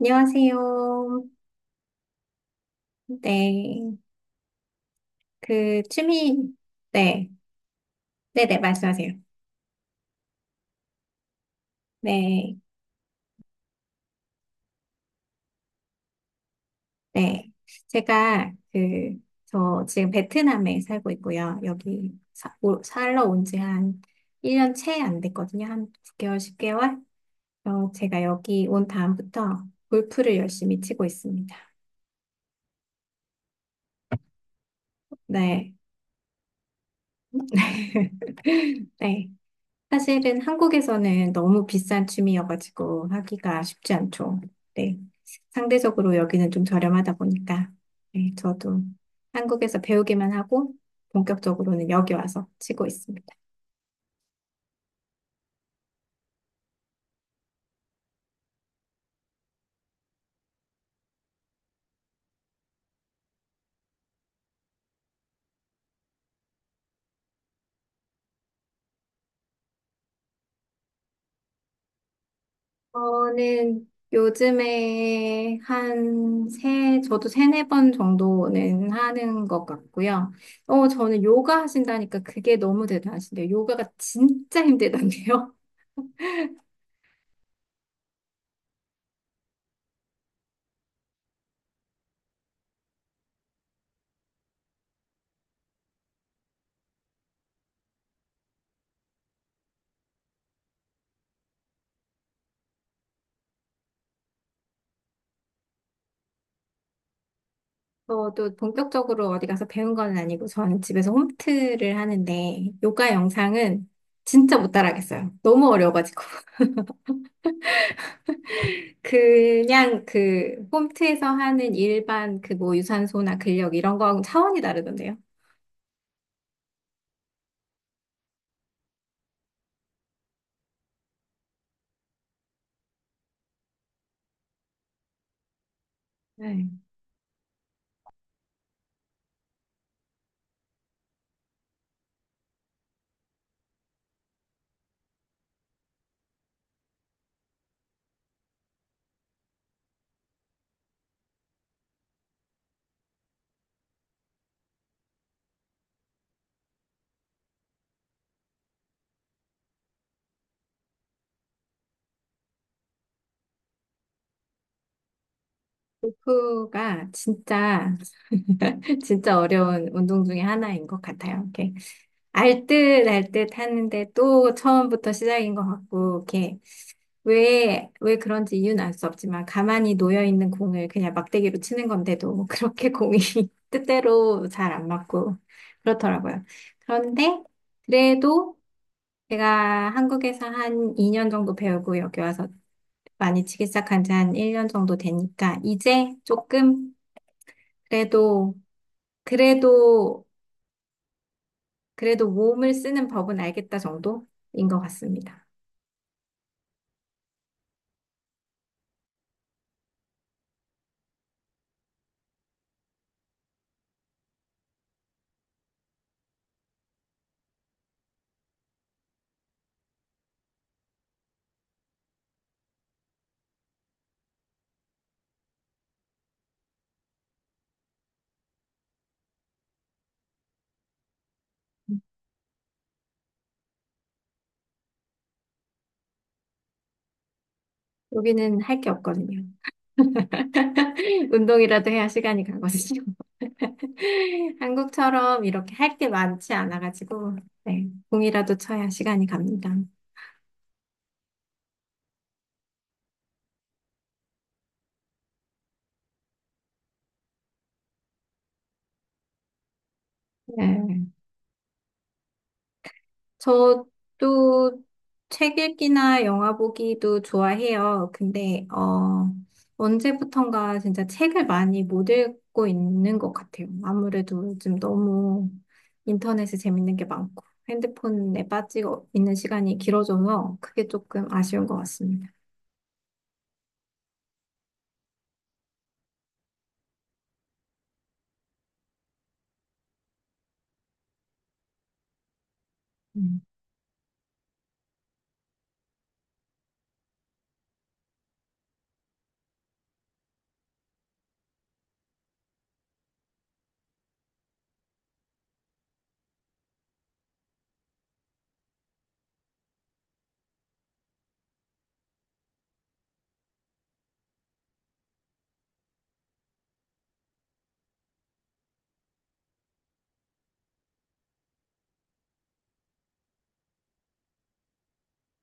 안녕하세요. 네. 그, 취미, 네. 네네, 말씀하세요. 네. 네. 제가, 저 지금 베트남에 살고 있고요. 여기 살러 온 지 한 1년 채 안 됐거든요. 한 9개월 10개월? 제가 여기 온 다음부터 골프를 열심히 치고 있습니다. 네. 네. 사실은 한국에서는 너무 비싼 춤이어가지고 하기가 쉽지 않죠. 네. 상대적으로 여기는 좀 저렴하다 보니까, 네, 저도 한국에서 배우기만 하고, 본격적으로는 여기 와서 치고 있습니다. 저는 요즘에 저도 세네 번 정도는 하는 것 같고요. 저는 요가 하신다니까 그게 너무 대단하신데요. 요가가 진짜 힘들던데요. 저도 본격적으로 어디 가서 배운 건 아니고 저는 집에서 홈트를 하는데 요가 영상은 진짜 못 따라하겠어요. 너무 어려워가지고. 그냥 그 홈트에서 하는 일반 그 뭐 유산소나 근력 이런 거하고 차원이 다르던데요. 네. 그가 진짜 진짜 어려운 운동 중에 하나인 것 같아요. 이렇게 알듯 알듯 하는데 또 처음부터 시작인 것 같고 이렇게 왜 그런지 이유는 알 수 없지만 가만히 놓여 있는 공을 그냥 막대기로 치는 건데도 뭐 그렇게 공이 뜻대로 잘 안 맞고 그렇더라고요. 그런데 그래도 제가 한국에서 한 2년 정도 배우고 여기 와서 많이 치기 시작한 지 한 1년 정도 되니까 이제 조금 그래도 그래도 그래도 몸을 쓰는 법은 알겠다 정도인 것 같습니다. 여기는 할 게 없거든요. 운동이라도 해야 시간이 가거든요. 한국처럼 이렇게 할 게 많지 않아가지고, 네, 공이라도 쳐야 시간이 갑니다. 네. 저도 책 읽기나 영화 보기도 좋아해요. 근데, 언제부턴가 진짜 책을 많이 못 읽고 있는 것 같아요. 아무래도 요즘 너무 인터넷에 재밌는 게 많고 핸드폰에 빠지고 있는 시간이 길어져서 그게 조금 아쉬운 것 같습니다. 음.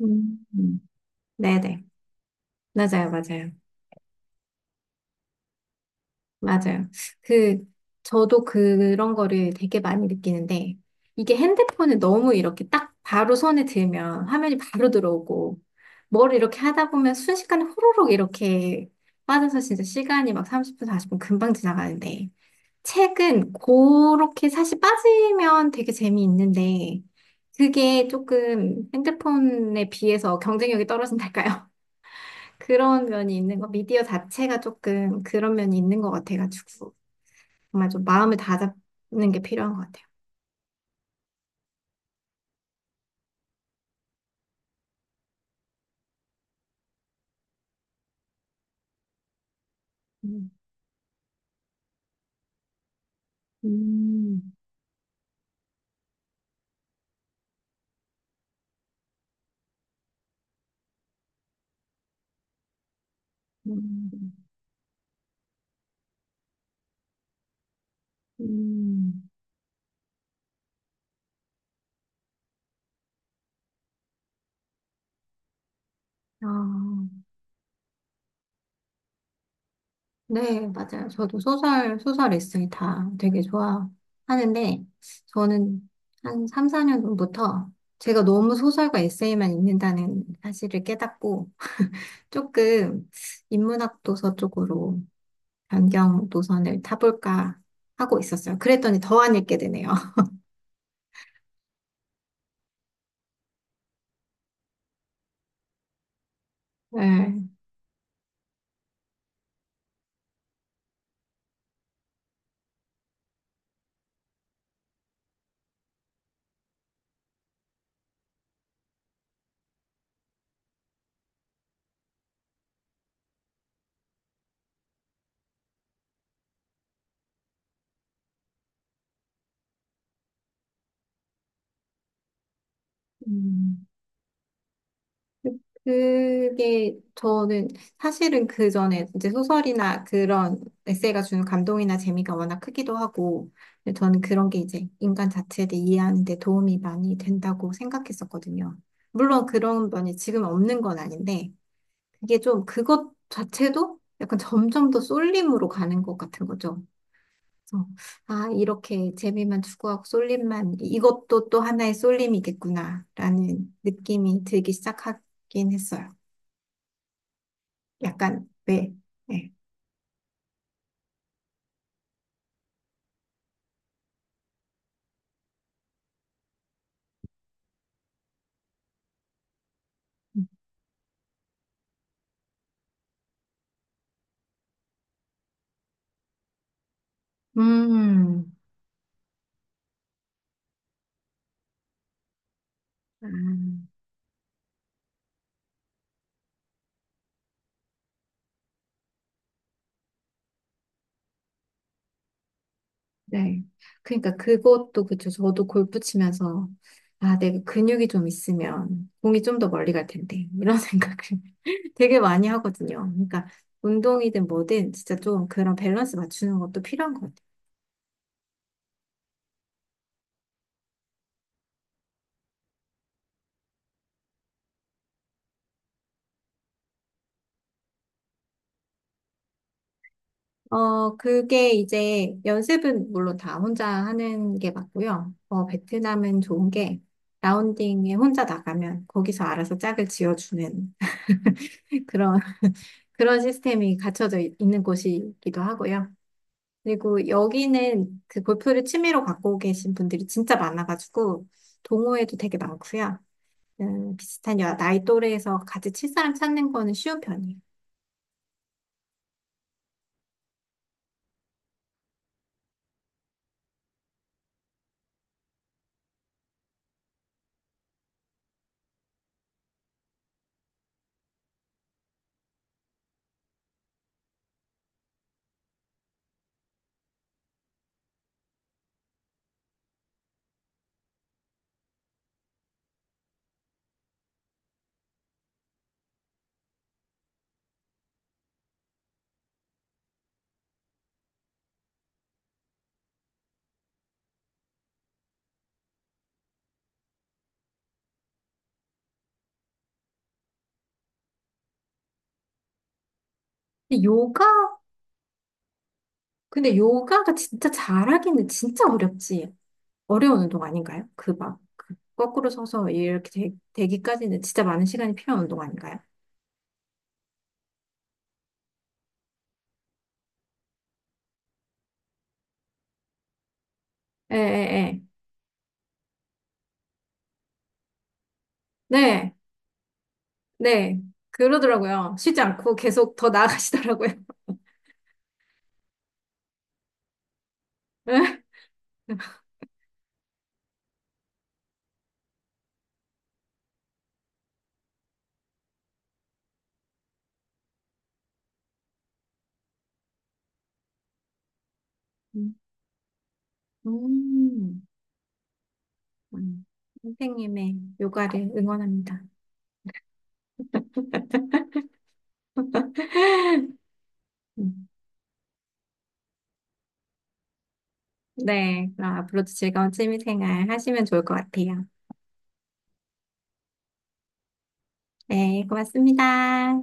음. 음. 네네. 맞아요, 맞아요. 맞아요. 그, 저도 그런 거를 되게 많이 느끼는데, 이게 핸드폰을 너무 이렇게 딱 바로 손에 들면 화면이 바로 들어오고, 뭘 이렇게 하다 보면 순식간에 호로록 이렇게 빠져서 진짜 시간이 막 30분, 40분 금방 지나가는데, 책은 그렇게 사실 빠지면 되게 재미있는데, 그게 조금 핸드폰에 비해서 경쟁력이 떨어진달까요? 그런 면이 있는 거, 미디어 자체가 조금 그런 면이 있는 것 같아가지고. 정말 좀 마음을 다잡는 게 필요한 것 같아요. 음. 음, 음, 음. 아, 네, 맞아요. 저도 소설, 에세이 다 되게 좋아하는데, 저는 한 3, 4년 전부터 제가 너무 소설과 에세이만 읽는다는 사실을 깨닫고, 조금 인문학 도서 쪽으로 변경 노선을 타볼까 하고 있었어요. 그랬더니 더 안 읽게 되네요. 네. 음. 그게 저는 사실은 그 전에 이제 소설이나 그런 에세이가 주는 감동이나 재미가 워낙 크기도 하고 근데 저는 그런 게 이제 인간 자체에 대해 이해하는 데 도움이 많이 된다고 생각했었거든요. 물론 그런 면이 지금 없는 건 아닌데 그게 좀 그것 자체도 약간 점점 더 쏠림으로 가는 것 같은 거죠. 그래서 아, 이렇게 재미만 추구하고 쏠림만 이것도 또 하나의 쏠림이겠구나라는 느낌이 들기 시작하긴 했어요. 약간, 네. 네. 음, 아, 네. 그러니까 그것도 그쵸. 저도 골프 치면서, 아, 내가 근육이 좀 있으면 공이 좀 더 멀리 갈 텐데. 이런 생각을 되게 많이 하거든요. 그러니까 운동이든 뭐든 진짜 좀 그런 밸런스 맞추는 것도 필요한 것 같아요. 그게 이제 연습은 물론 다 혼자 하는 게 맞고요. 베트남은 좋은 게 라운딩에 혼자 나가면 거기서 알아서 짝을 지어주는 그런 그런 시스템이 갖춰져 있는 곳이기도 하고요. 그리고 여기는 그 골프를 취미로 갖고 계신 분들이 진짜 많아가지고 동호회도 되게 많고요. 비슷한 나이 또래에서 같이 칠 사람 찾는 거는 쉬운 편이에요. 근데 요가, 근데 요가가 진짜 잘하기는 진짜 어렵지. 어려운 운동 아닌가요? 그 거꾸로 서서 이렇게 되기까지는 진짜 많은 시간이 필요한 운동 아닌가요? 예, 예, 예. 네, 네. 그러더라고요. 쉬지 않고 계속 더 나아가시더라고요. 음, 음, 음. 선생님의 요가를 응원합니다. 음, 네, 그럼 앞으로도 즐거운 취미생활 하시면 좋을 것 같아요. 네, 고맙습니다.